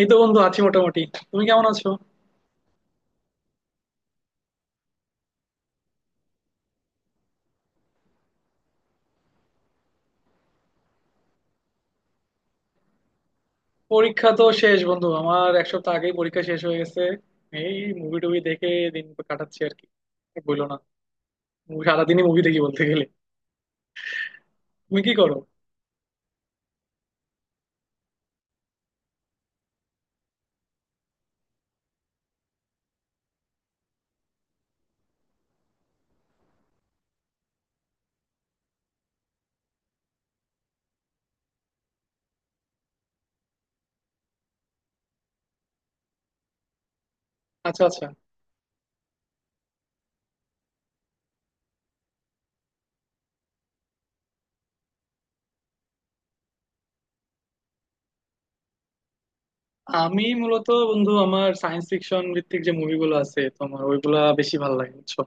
এই তো বন্ধু আছি মোটামুটি। তুমি কেমন আছো? পরীক্ষা তো শেষ বন্ধু, আমার 1 সপ্তাহ আগেই পরীক্ষা শেষ হয়ে গেছে। এই মুভি টুভি দেখে দিন কাটাচ্ছি আর কি। আর বইলো না, মুভি সারাদিনই মুভি দেখি বলতে গেলে। তুমি কি করো? আচ্ছা আচ্ছা, আমি মূলত বন্ধু আমার সায়েন্স ফিকশন ভিত্তিক যে মুভিগুলো আছে তোমার ওইগুলা বেশি ভালো লাগে, বুঝছো?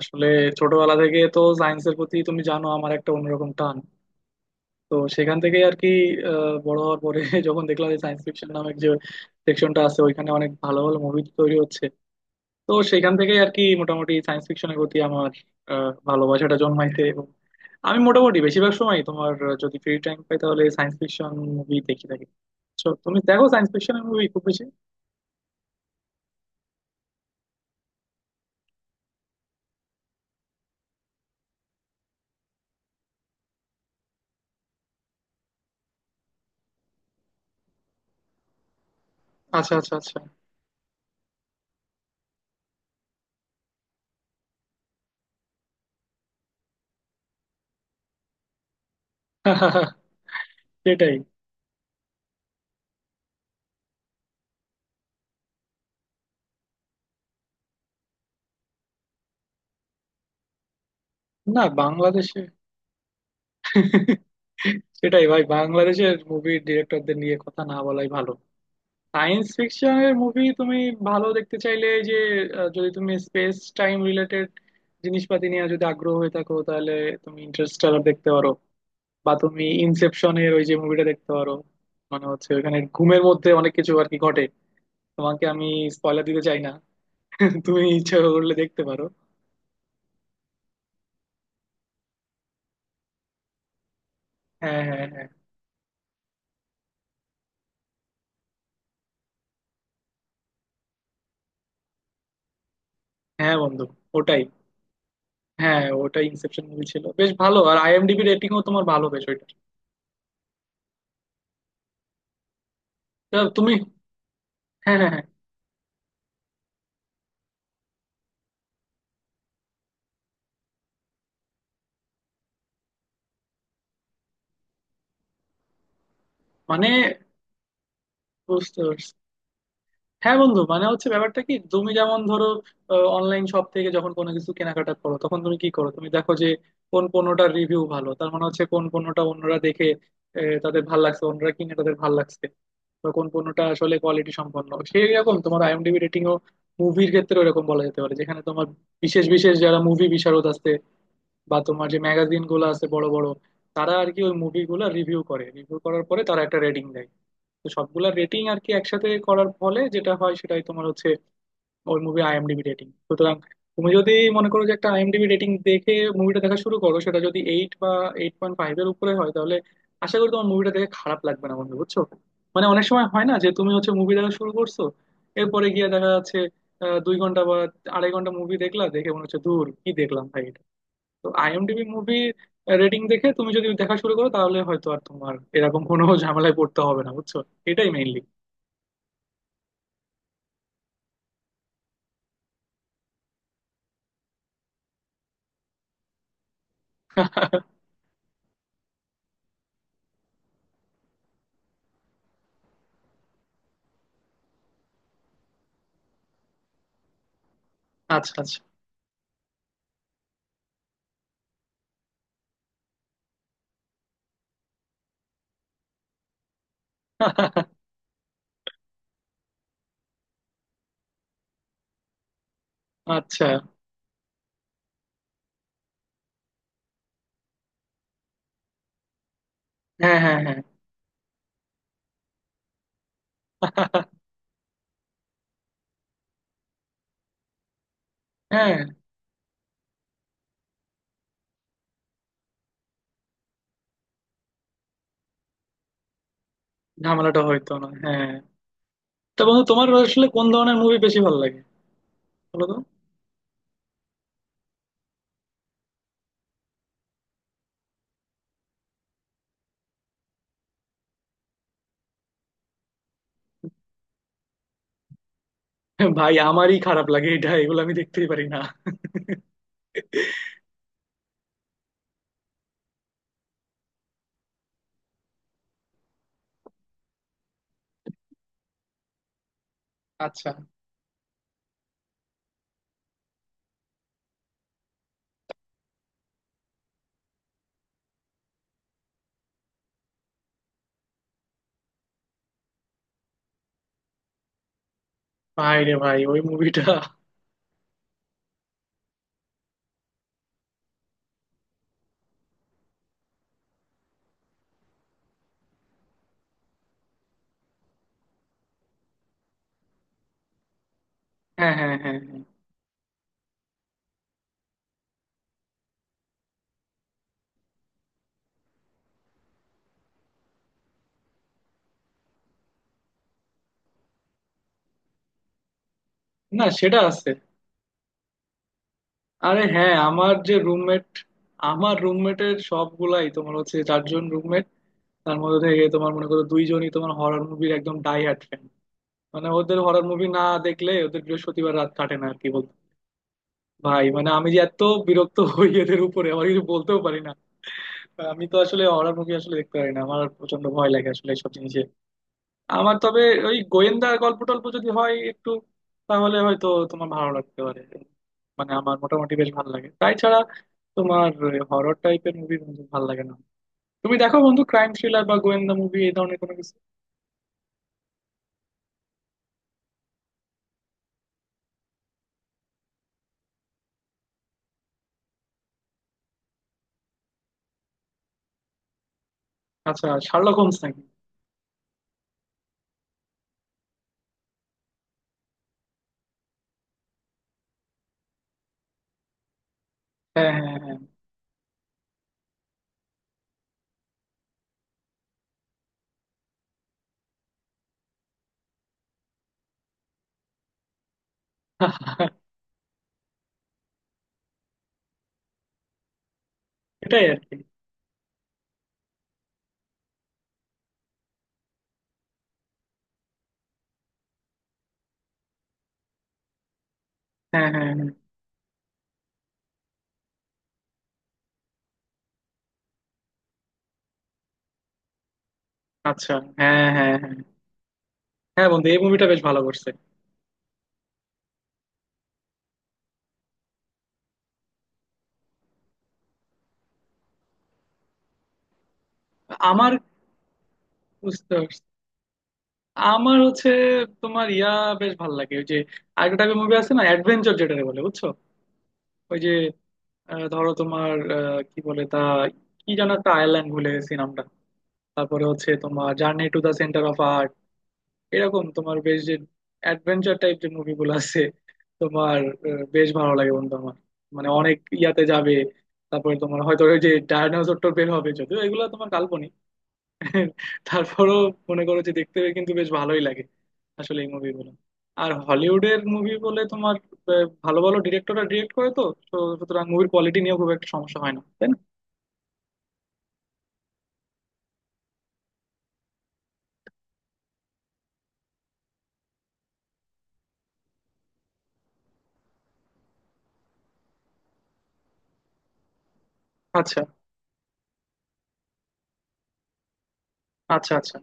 আসলে ছোটবেলা থেকে তো সায়েন্সের প্রতি তুমি জানো আমার একটা অন্যরকম টান, তো সেখান থেকে আর কি। বড় হওয়ার পরে যখন দেখলাম যে সায়েন্স ফিকশন নামের যে সেকশনটা আছে, ওইখানে অনেক ভালো ভালো মুভি তৈরি হচ্ছে। তো সেখান থেকেই আর কি মোটামুটি সায়েন্স ফিকশনের প্রতি আমার ভালোবাসাটা জন্মাইছে। এবং আমি মোটামুটি বেশিরভাগ সময় তোমার যদি ফ্রি টাইম পাই তাহলে সায়েন্স ফিকশন মুভি দেখি থাকি। So, তুমি দেখো সায়েন্স ফিকশনের মুভি খুব বেশি? আচ্ছা আচ্ছা আচ্ছা। সেটাই। না, বাংলাদেশে সেটাই ভাই, বাংলাদেশের মুভির ডিরেক্টরদের নিয়ে কথা না বলাই ভালো। সায়েন্স ফিকশনের মুভি তুমি ভালো দেখতে চাইলে এই যে যদি তুমি স্পেস টাইম রিলেটেড জিনিসপাতি নিয়ে যদি আগ্রহ হয়ে থাকো, তাহলে তুমি ইন্টারস্টেলার দেখতে পারো। বা তুমি ইনসেপশনের ওই যে মুভিটা দেখতে পারো। মানে হচ্ছে ওখানে ঘুমের মধ্যে অনেক কিছু আর কি ঘটে, তোমাকে আমি স্পয়লার দিতে চাই না। তুমি ইচ্ছা করলে দেখতে পারো। হ্যাঁ হ্যাঁ হ্যাঁ। হ্যাঁ বন্ধু, ওটাই। হ্যাঁ ওটাই ইনসেপশন মুভি, ছিল বেশ ভালো, আর আইএমডিবি রেটিংও তোমার ভালো বেশ ওইটা। তা তুমি হ্যাঁ হ্যাঁ হ্যাঁ মানে বুঝতে পারছি। হ্যাঁ বন্ধু, মানে হচ্ছে ব্যাপারটা কি, তুমি যেমন ধরো অনলাইন শপ থেকে যখন কোনো কিছু কেনাকাটা করো, তখন তুমি কি করো? তুমি দেখো যে কোন পণ্যটার রিভিউ ভালো। তার মানে হচ্ছে কোন পণ্যটা অন্যরা দেখে তাদের ভাল লাগছে, অন্যরা কিনে তাদের ভাল লাগছে, বা কোন পণ্যটা আসলে কোয়ালিটি সম্পন্ন। সেই রকম তোমার আইএমডিবি রেটিং ও মুভির ক্ষেত্রে ওরকম বলা যেতে পারে, যেখানে তোমার বিশেষ বিশেষ যারা মুভি বিশারদ আছে বা তোমার যে ম্যাগাজিন গুলো আছে বড় বড়, তারা আর কি ওই মুভিগুলো রিভিউ করে, রিভিউ করার পরে তারা একটা রেটিং দেয়। তো সবগুলা রেটিং আর কি একসাথে করার ফলে যেটা হয়, সেটাই তোমার হচ্ছে ওই মুভি আইএমডিবি রেটিং। সুতরাং তুমি যদি মনে করো যে একটা আইএমডিবি রেটিং দেখে মুভিটা দেখা শুরু করো, সেটা যদি 8 বা 8.5 এর উপরে হয়, তাহলে আশা করি তোমার মুভিটা দেখে খারাপ লাগবে না বন্ধু, বুঝছো? মানে অনেক সময় হয় না যে তুমি হচ্ছে মুভি দেখা শুরু করছো, এরপরে গিয়ে দেখা যাচ্ছে 2 ঘন্টা বা আড়াই ঘন্টা মুভি দেখলা, দেখে মনে হচ্ছে দূর কি দেখলাম ভাই। তো আইএমডিবি মুভি রেটিং দেখে তুমি যদি দেখা শুরু করো, তাহলে হয়তো আর তোমার এরকম কোনো ঝামেলায় পড়তে হবে না, বুঝছো? এটাই মেইনলি। আচ্ছা আচ্ছা আচ্ছা। হ্যাঁ হ্যাঁ হ্যাঁ। হ্যাঁ, ঝামেলাটা হয়তো না, হ্যাঁ। তা বন্ধু তোমার আসলে কোন ধরনের মুভি বেশি ভালো লাগে, বলো তো? ভাই আমারই খারাপ লাগে এটা, এগুলো আমি দেখতেই পারি না। আচ্ছা, ভাই রে ভাই ওই মুভিটা হ্যাঁ হ্যাঁ হ্যাঁ হ্যাঁ, না সেটা আছে। আরে হ্যাঁ আমার যে রুমমেট, আমার রুমমেটের সবগুলাই তোমার হচ্ছে চারজন রুমমেট, তার মধ্যে থেকে তোমার মনে করো দুইজনই তোমার হরর মুভির একদম ডাই হার্ট ফ্যান। মানে ওদের হরর মুভি না দেখলে ওদের বৃহস্পতিবার রাত কাটে না আর কি, বলতো! ভাই মানে আমি যে এত বিরক্ত হই এদের উপরে, আমার কিছু বলতেও পারি না। আমি তো আসলে হরর মুভি আসলে দেখতে পারি না, আমার প্রচন্ড ভয় লাগে আসলে এইসব জিনিস। আমার তবে ওই গোয়েন্দা গল্প টল্প যদি হয় একটু, তাহলে হয়তো তোমার ভালো লাগতে পারে। মানে আমার মোটামুটি বেশ ভালো লাগে, তাই ছাড়া তোমার হরর টাইপের মুভি বন্ধু ভালো লাগে না? তুমি দেখো বন্ধু ক্রাইম থ্রিলার বা গোয়েন্দা মুভি এই ধরনের কোনো কিছু? আচ্ছা, শার্লক হোমস নাকি? হ্যাঁ হ্যাঁ হ্যাঁ। এটাই আর কি। হ্যাঁ হ্যাঁ হ্যাঁ। আচ্ছা। হ্যাঁ হ্যাঁ হ্যাঁ। হ্যাঁ বন্ধু এই মুভিটা বেশ ভালো করছে। আমার বুঝতে পারছি, আমার হচ্ছে তোমার ইয়া বেশ ভালো লাগে ওই যে আরেকটা টাইপের মুভি আছে না, অ্যাডভেঞ্চার যেটাকে বলে, বুঝছো? ওই যে ধরো তোমার কি বলে তা, কি যেন একটা আয়ারল্যান্ড, ভুলে গেছি নামটা। তারপরে হচ্ছে তোমার journey to the centre of art, এরকম তোমার বেশ যে অ্যাডভেঞ্চার টাইপ যে মুভিগুলো আছে তোমার বেশ ভালো লাগে বন্ধু আমার। মানে অনেক ইয়াতে যাবে, তারপরে তোমার হয়তো ওই যে ডায়নোসর টোর বের হবে, যদিও এগুলো তোমার কাল্পনিক। তারপরেও মনে করো যে দেখতে কিন্তু বেশ ভালোই লাগে আসলে এই মুভিগুলো। আর হলিউডের মুভি বলে তোমার ভালো ভালো ডিরেক্টররা ডিরেক্ট করে তো, তো সুতরাং মুভির কোয়ালিটি নিয়েও খুব একটা সমস্যা হয় না, তাই না? আচ্ছা আচ্ছা আচ্ছা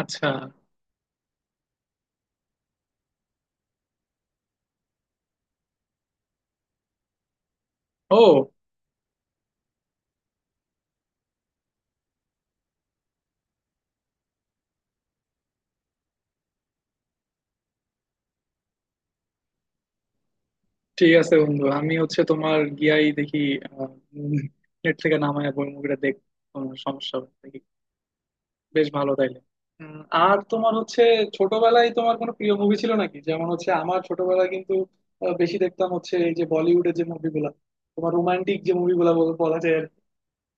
আচ্ছা। ও, ঠিক আছে বন্ধু আমি হচ্ছে তোমার গিয়াই দেখি, নেট থেকে নামায় বই মুভিটা দেখ, কোনো সমস্যা হবে না। দেখি। বেশ ভালো তাইলে। উম, আর তোমার হচ্ছে ছোটবেলায় তোমার কোনো প্রিয় মুভি ছিল নাকি? যেমন হচ্ছে আমার ছোটবেলায় কিন্তু বেশি দেখতাম হচ্ছে এই যে বলিউডের যে মুভিগুলা, তোমার রোমান্টিক যে মুভিগুলা বলা যায় আর কি।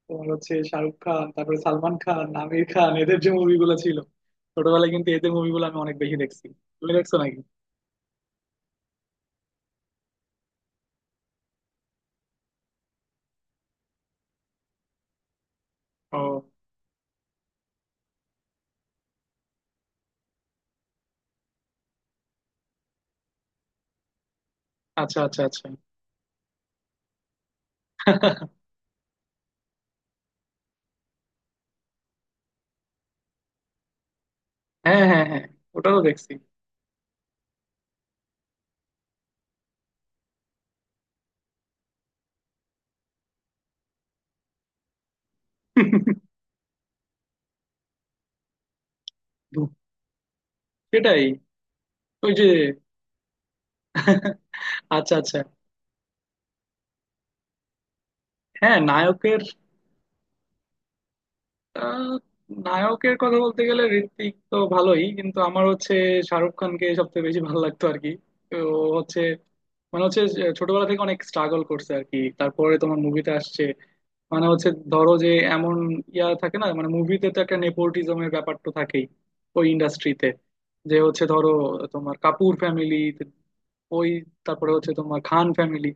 তোমার হচ্ছে শাহরুখ খান, তারপরে সালমান খান, আমির খান, এদের যে মুভিগুলো ছিল ছোটবেলায় কিন্তু এদের মুভিগুলো আমি অনেক বেশি দেখছি। তুমি দেখছো নাকি? ও আচ্ছা আচ্ছা আচ্ছা। হ্যাঁ হ্যাঁ হ্যাঁ, ওটাও দেখছি। ধুর, সেটাই। ওই যে আচ্ছা আচ্ছা। হ্যাঁ, নায়কের আহ, নায়কের কথা বলতে গেলে ঋত্বিক তো ভালোই, কিন্তু আমার হচ্ছে শাহরুখ খানকে সবচেয়ে বেশি ভালো লাগতো আর কি। তো ও হচ্ছে মানে হচ্ছে যে ছোটবেলা থেকে অনেক স্ট্রাগল করছে আর কি, তারপরে তোমার মুভিতে আসছে। মানে হচ্ছে ধরো যে এমন ইয়া থাকে না, মানে মুভিতে তো একটা নেপোটিজমের ব্যাপার তো থাকেই ওই ইন্ডাস্ট্রিতে, যে হচ্ছে ধরো তোমার কাপুর ফ্যামিলি, ওই তারপরে হচ্ছে তোমার খান ফ্যামিলি।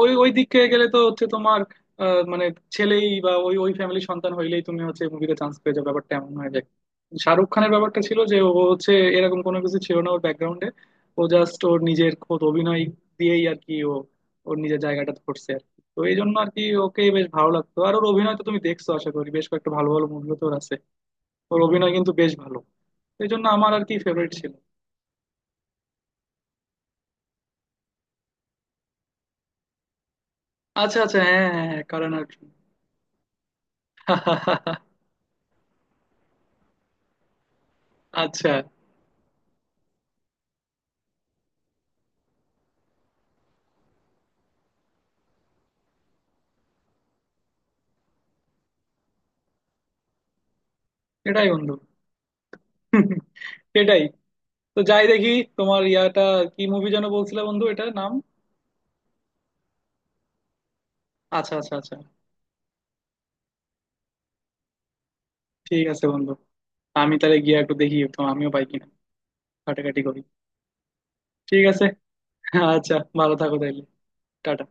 ওই ওই দিকে গেলে তো হচ্ছে তোমার মানে ছেলেই বা ওই ওই ফ্যামিলির সন্তান হইলেই তুমি হচ্ছে মুভিতে চান্স পেয়ে যাও, ব্যাপারটা এমন হয়ে যায়। শাহরুখ খানের ব্যাপারটা ছিল যে ও হচ্ছে এরকম কোনো কিছু ছিল না ওর ব্যাকগ্রাউন্ডে। ও জাস্ট ওর নিজের খোদ অভিনয় দিয়েই আর কি ও ওর নিজের জায়গাটা ধরছে আর কি। তো এই জন্য আর কি ওকে বেশ ভালো লাগতো, আর ওর অভিনয় তো তুমি দেখছো আশা করি, বেশ কয়েকটা ভালো ভালো মুভিও তো ওর আছে। ওর অভিনয় কিন্তু বেশ ভালো, এই জন্য আমার আর কি ফেভারিট ছিল। আচ্ছা আচ্ছা হ্যাঁ হ্যাঁ হ্যাঁ, কারণ অর্জুন। আচ্ছা, এটাই বন্ধু। এটাই, তো যাই দেখি তোমার ইয়াটা, কি মুভি যেন বলছিলে বন্ধু এটার নাম? আচ্ছা আচ্ছা আচ্ছা, ঠিক আছে বন্ধু আমি তাহলে গিয়ে একটু দেখি তো, আমিও পাই কিনা, ঘাটাঘাটি করি। ঠিক আছে। আচ্ছা, ভালো থাকো তাইলে। টাটা।